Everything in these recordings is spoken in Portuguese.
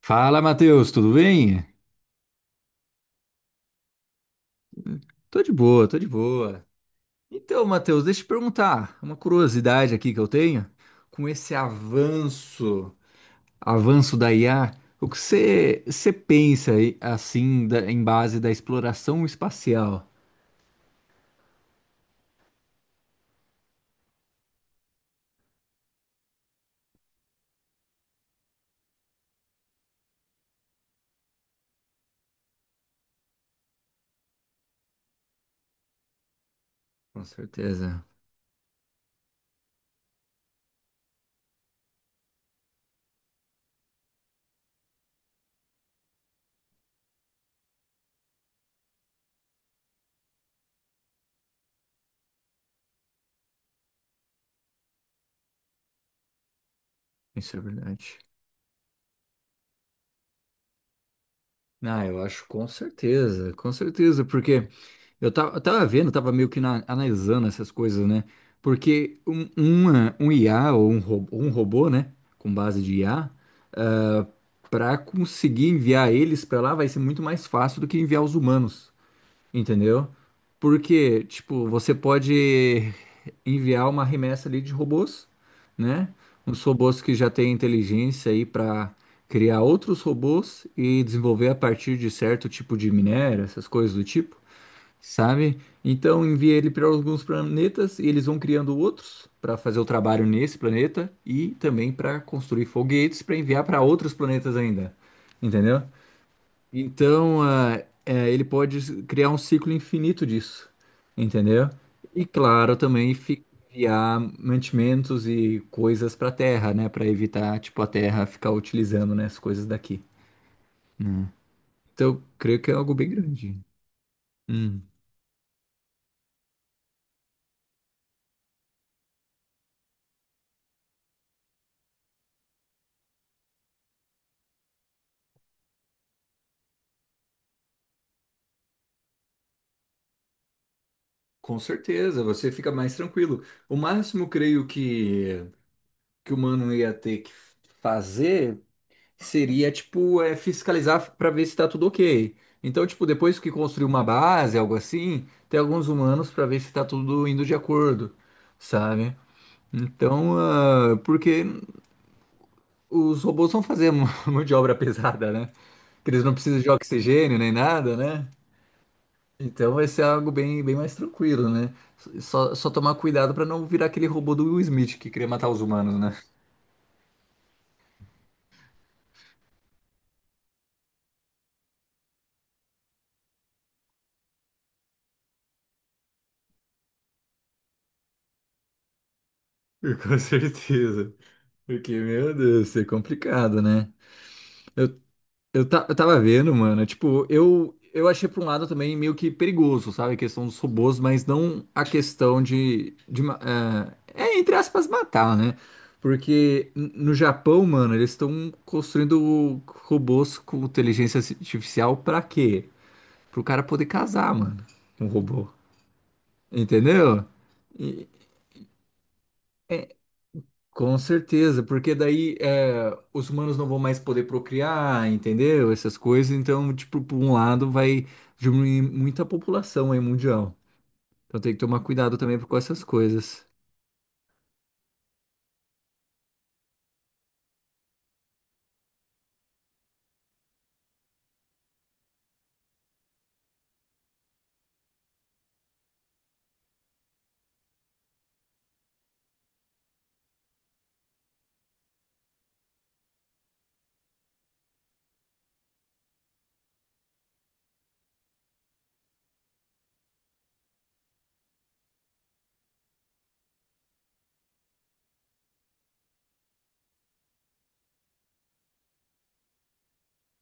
Fala, Matheus, tudo bem? Tô de boa. Então, Matheus, deixa eu te perguntar, uma curiosidade aqui que eu tenho, com esse avanço da IA, o que você pensa aí, assim, em base da exploração espacial? Com certeza, isso é verdade. Ah, eu acho com certeza, porque eu tava vendo, eu tava meio que analisando essas coisas, né? Porque um IA ou um, um robô, né? Com base de IA, para conseguir enviar eles para lá vai ser muito mais fácil do que enviar os humanos, entendeu? Porque, tipo, você pode enviar uma remessa ali de robôs, né? Uns robôs que já têm inteligência aí para criar outros robôs e desenvolver a partir de certo tipo de minério, essas coisas do tipo, sabe? Então envia ele para alguns planetas e eles vão criando outros para fazer o trabalho nesse planeta e também para construir foguetes para enviar para outros planetas ainda, entendeu? Então ele pode criar um ciclo infinito disso, entendeu? E claro, também enviar mantimentos e coisas para a Terra, né? Para evitar tipo a Terra ficar utilizando, né, as coisas daqui. Hum. Então eu creio que é algo bem grande. Hum. Com certeza, você fica mais tranquilo. O máximo, creio que o mano ia ter que fazer seria, tipo, é, fiscalizar para ver se tá tudo ok. Então, tipo, depois que construir uma base, algo assim, tem alguns humanos para ver se tá tudo indo de acordo, sabe? Então, ah, porque os robôs vão fazer mão de obra pesada, né? Que eles não precisam de oxigênio nem nada, né? Então vai ser algo bem, bem mais tranquilo, né? Só tomar cuidado pra não virar aquele robô do Will Smith que queria matar os humanos, né? Com certeza. Porque, meu Deus, isso é complicado, né? Eu, eu tava vendo, mano, tipo, eu achei por um lado também meio que perigoso, sabe? A questão dos robôs, mas não a questão de, entre aspas, matar, né? Porque no Japão, mano, eles estão construindo robôs com inteligência artificial pra quê? Pro cara poder casar, mano, com o robô. Entendeu? E- é, com certeza, porque daí é, os humanos não vão mais poder procriar, entendeu? Essas coisas, então, tipo, por um lado vai diminuir muita população aí mundial. Então tem que tomar cuidado também com essas coisas.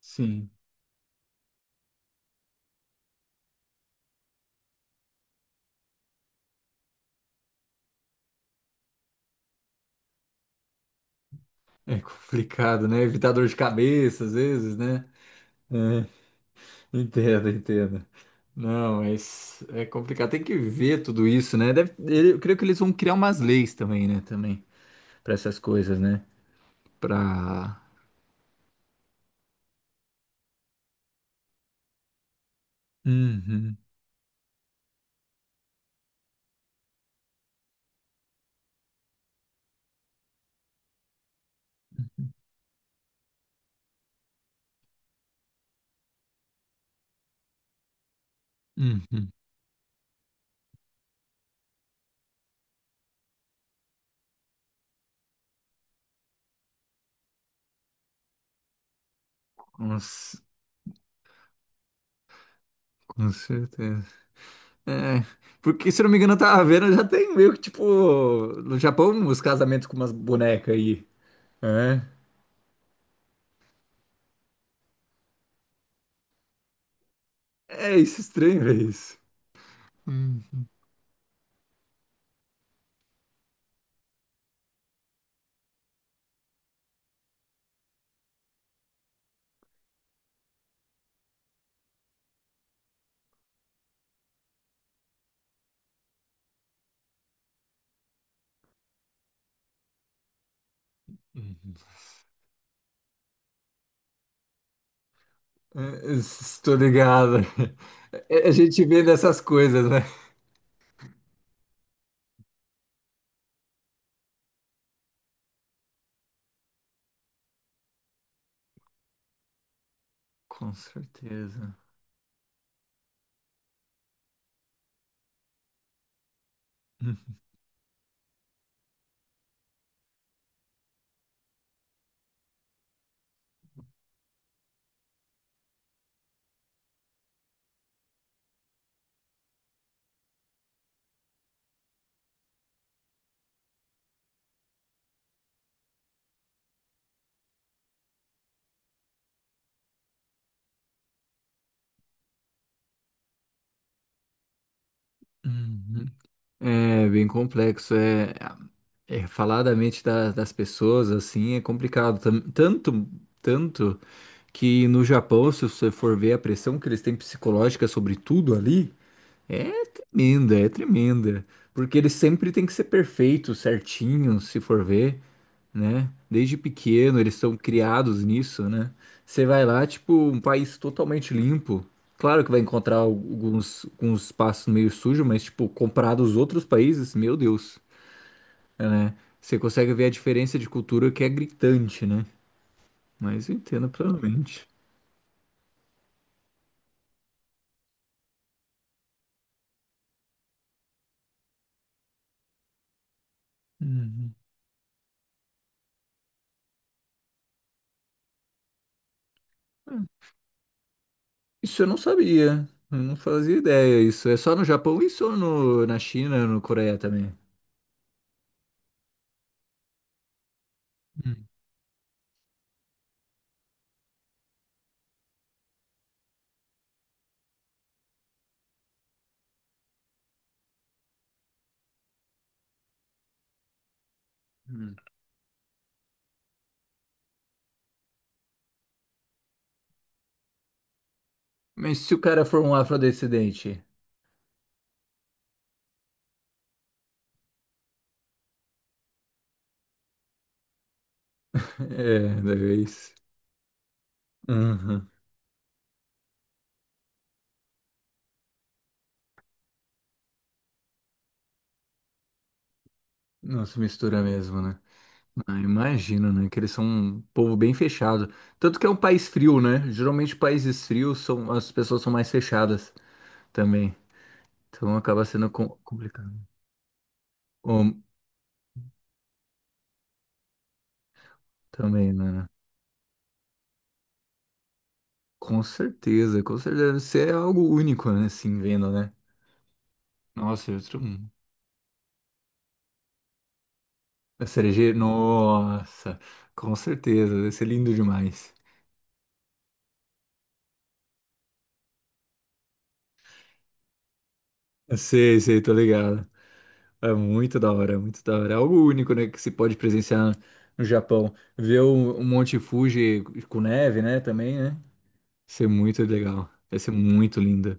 Sim, é complicado, né? Evitar dor de cabeça às vezes, né? É, entendo, entendo. Não, mas é complicado. Tem que ver tudo isso, né? Eu creio que eles vão criar umas leis também, né? Também, para essas coisas, né? Pra. Uhum, uhum. Com, c- com certeza. É, porque se não me engano, eu tava vendo, já tem meio que tipo. No Japão, os casamentos com umas bonecas aí. É. É isso, estranho, é isso. Hum. Uhum. É, estou ligado. É, a gente vê dessas coisas, né? Com certeza. Hum, Uhum. É bem complexo, é, é falar da mente das pessoas assim é complicado. Tanto que no Japão, se você for ver a pressão que eles têm psicológica sobre tudo ali, é tremenda, porque eles sempre têm que ser perfeitos, certinhos, se for ver, né? Desde pequeno eles são criados nisso, né? Você vai lá, tipo, um país totalmente limpo. Claro que vai encontrar alguns espaços meio sujos, mas, tipo, comparado aos outros países, meu Deus, né? Você consegue ver a diferença de cultura que é gritante, né? Mas eu entendo plenamente. Uhum. Isso eu não sabia. Eu não fazia ideia. Isso é só no Japão, isso ou no, na China, no Coreia também? Uhum. Mas se o cara for um afrodescendente? É, da vez. Uhum. Não mistura mesmo, né? Ah, imagino, né? Que eles são um povo bem fechado. Tanto que é um país frio, né? Geralmente países frios são as pessoas são mais fechadas também. Então acaba sendo complicado. Hum, também, né? Né? Com certeza, com certeza. Isso é algo único, né? Assim, vendo, né? Nossa, é outro mundo. A cerejeira, nossa, com certeza. Deve ser lindo demais. Eu sei, sei, tô ligado. É muito da hora, é muito da hora. É algo único, né, que se pode presenciar no Japão. Ver o um Monte Fuji com neve, né, também, né? Isso é muito legal. Vai ser muito linda.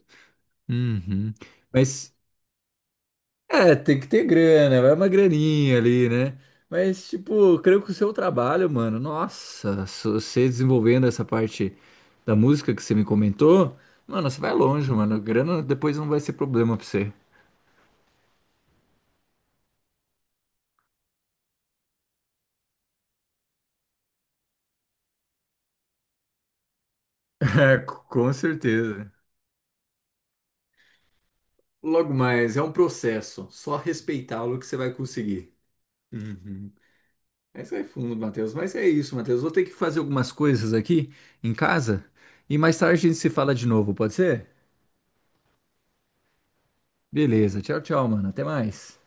Uhum. Mas, é, tem que ter grana, vai uma graninha ali, né? Mas, tipo, creio que o seu trabalho, mano, nossa, se você desenvolvendo essa parte da música que você me comentou, mano, você vai longe, mano. Grana depois não vai ser problema pra você. É, com certeza. Logo mais, é um processo. Só respeitá-lo que você vai conseguir. Uhum. Mas vai fundo, Matheus. Mas é isso, Matheus. Vou ter que fazer algumas coisas aqui em casa e mais tarde a gente se fala de novo, pode ser? Beleza. Tchau, tchau, mano. Até mais.